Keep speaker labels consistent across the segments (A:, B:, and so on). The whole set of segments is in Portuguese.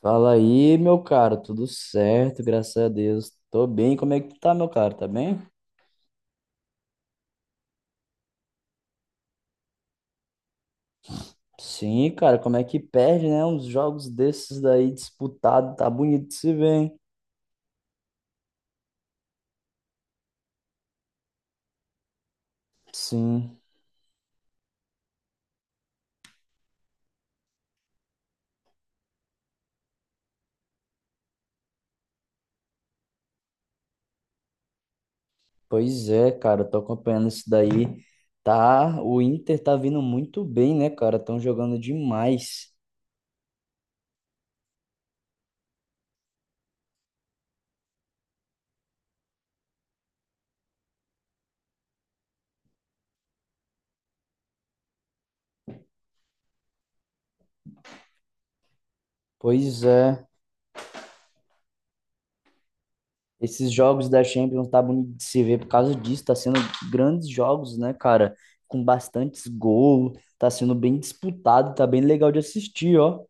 A: Fala aí, meu caro, tudo certo, graças a Deus. Tô bem, como é que tu tá, meu caro? Tá bem? Sim, cara, como é que perde, né? Uns jogos desses daí disputado, tá bonito de se ver, hein? Sim, pois é, cara, tô acompanhando isso daí. Tá, o Inter tá vindo muito bem, né, cara? Tão jogando demais. Pois é. Esses jogos da Champions tá bonito de se ver por causa disso, tá sendo grandes jogos, né, cara? Com bastantes gols, tá sendo bem disputado, tá bem legal de assistir, ó.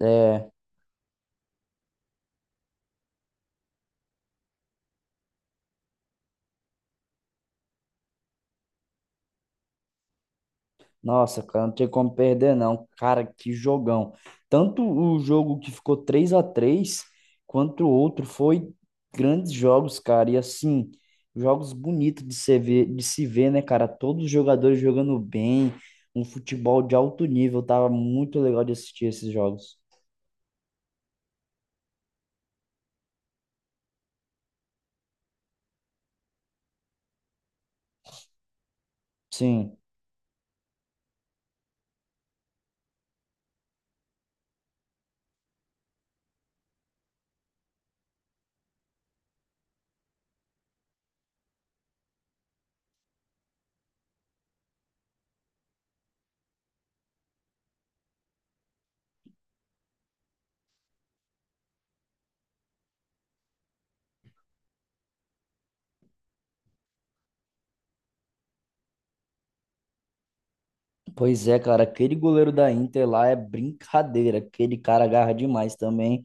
A: É, nossa, cara, não tem como perder, não. Cara, que jogão. Tanto o jogo que ficou 3-3 quanto o outro foi grandes jogos, cara. E assim, jogos bonitos de se ver, né, cara? Todos os jogadores jogando bem, um futebol de alto nível, tava muito legal de assistir esses jogos. Sim, pois é, cara, aquele goleiro da Inter lá é brincadeira, aquele cara agarra demais também,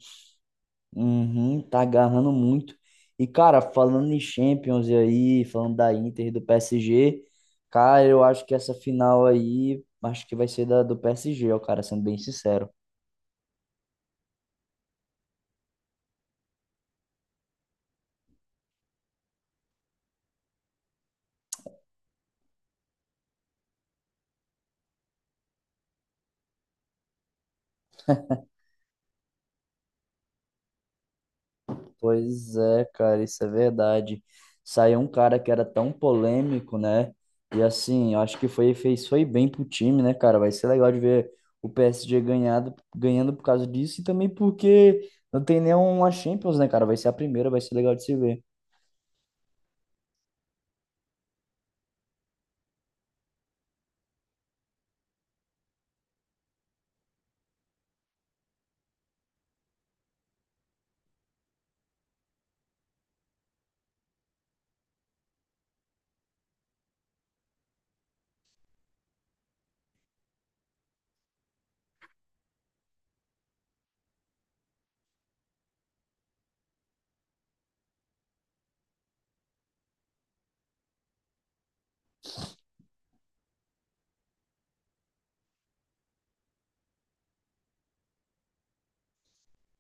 A: uhum, tá agarrando muito. E cara, falando em Champions e aí, falando da Inter e do PSG, cara, eu acho que essa final aí, acho que vai ser do PSG, ó, cara, sendo bem sincero. Pois é, cara, isso é verdade. Saiu um cara que era tão polêmico, né? E assim, eu acho que foi bem pro time, né, cara? Vai ser legal de ver o PSG ganhando por causa disso, e também porque não tem nenhuma Champions, né, cara? Vai ser a primeira, vai ser legal de se ver.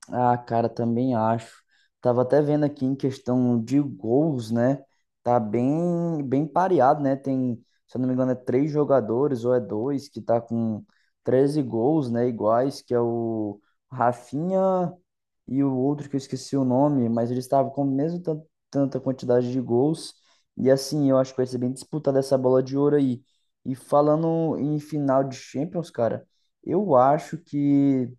A: Ah, cara, também acho. Tava até vendo aqui em questão de gols, né? Tá bem, bem pareado, né? Tem, se eu não me engano, é três jogadores ou é dois que tá com 13 gols, né? Iguais, que é o Rafinha e o outro que eu esqueci o nome, mas eles estavam com mesmo tanta quantidade de gols. E assim, eu acho que vai ser bem disputada essa bola de ouro aí. E falando em final de Champions, cara. eu acho que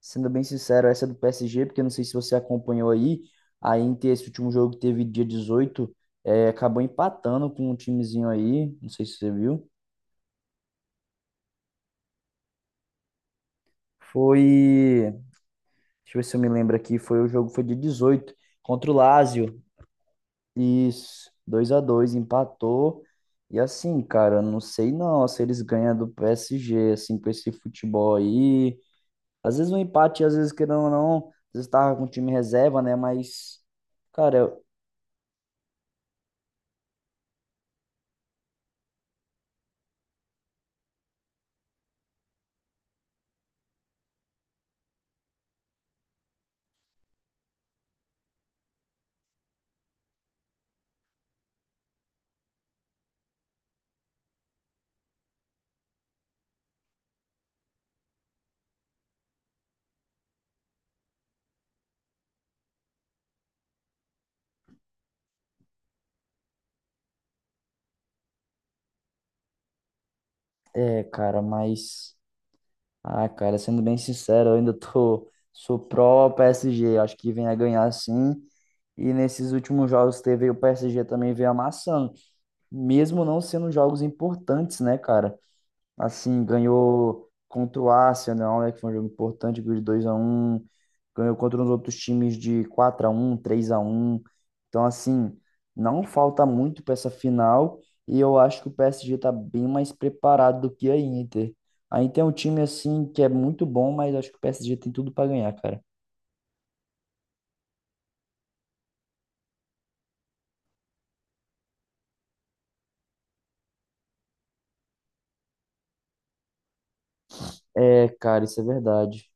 A: Sendo bem sincero, essa é do PSG, porque eu não sei se você acompanhou aí, a Inter, esse último jogo que teve dia 18 acabou empatando com um timezinho aí, não sei se você viu. Foi, deixa eu ver se eu me lembro aqui, foi dia 18 contra o Lazio. Isso, 2-2 empatou. E assim, cara, não sei não se eles ganham do PSG, assim, com esse futebol aí. Às vezes um empate, às vezes, querendo ou não, às vezes tava com o time reserva, né, mas... Cara, É, cara, mas. Ah, cara, sendo bem sincero, eu ainda tô. Sou pró-PSG. Acho que vem a ganhar sim. E nesses últimos jogos que teve, o PSG também veio amassando. Mesmo não sendo jogos importantes, né, cara? Assim, ganhou contra o Arsenal, né, que foi um jogo importante, ganhou de 2 a um, ganhou contra os outros times de 4-1, 3-1. Então, assim, não falta muito para essa final, e eu acho que o PSG está bem mais preparado do que a Inter. A Inter é um time assim que é muito bom, mas acho que o PSG tem tudo para ganhar, cara. É, cara, isso é verdade.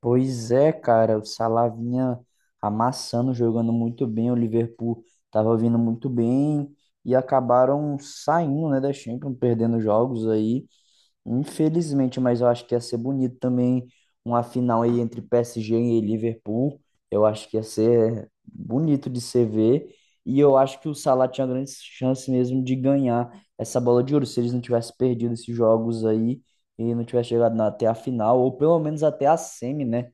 A: Pois é, cara, o Salah vinha amassando, jogando muito bem, o Liverpool tava vindo muito bem e acabaram saindo, né, da Champions, perdendo jogos aí, infelizmente, mas eu acho que ia ser bonito também uma final aí entre PSG e Liverpool. Eu acho que ia ser bonito de se ver, e eu acho que o Salah tinha grande chance mesmo de ganhar essa bola de ouro se eles não tivessem perdido esses jogos aí. E não tivesse chegado até a final, ou pelo menos até a semi, né?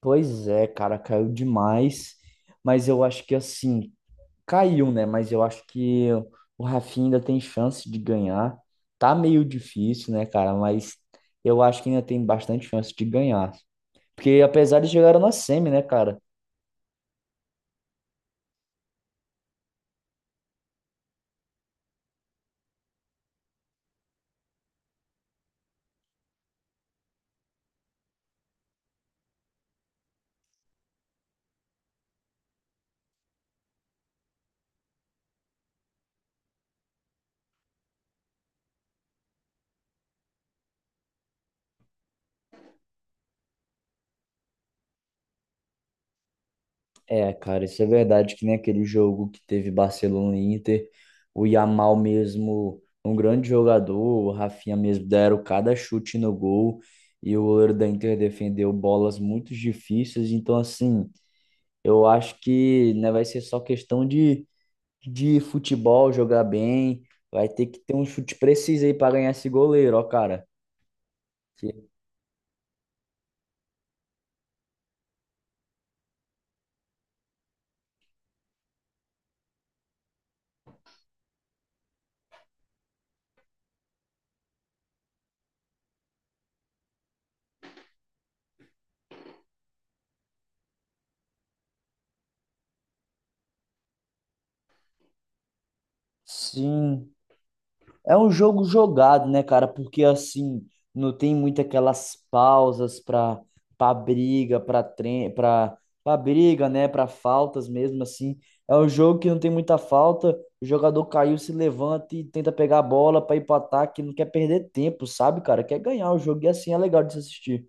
A: Pois é, cara, caiu demais. Mas eu acho que assim, caiu, né? Mas eu acho que o Rafinha ainda tem chance de ganhar. Tá meio difícil, né, cara? Mas eu acho que ainda tem bastante chance de ganhar. Porque apesar de chegar na semi, né, cara? É, cara, isso é verdade, que nem aquele jogo que teve Barcelona e Inter, o Yamal mesmo, um grande jogador, o Rafinha mesmo deram cada chute no gol, e o goleiro da Inter defendeu bolas muito difíceis, então assim. Eu acho que, né, vai ser só questão de futebol, jogar bem. Vai ter que ter um chute preciso aí para ganhar esse goleiro, ó, cara. Que- Sim, é um jogo jogado, né, cara? Porque assim, não tem muito aquelas pausas para briga, para tre para para briga, né, para faltas mesmo assim. É um jogo que não tem muita falta. O jogador caiu, se levanta e tenta pegar a bola para ir para ataque, não quer perder tempo, sabe, cara? Quer ganhar o jogo, e assim é legal de se assistir.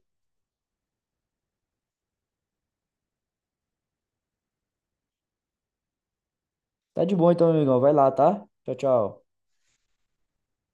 A: Tá de bom então, amigão. Vai lá, tá? Tchau, tchau.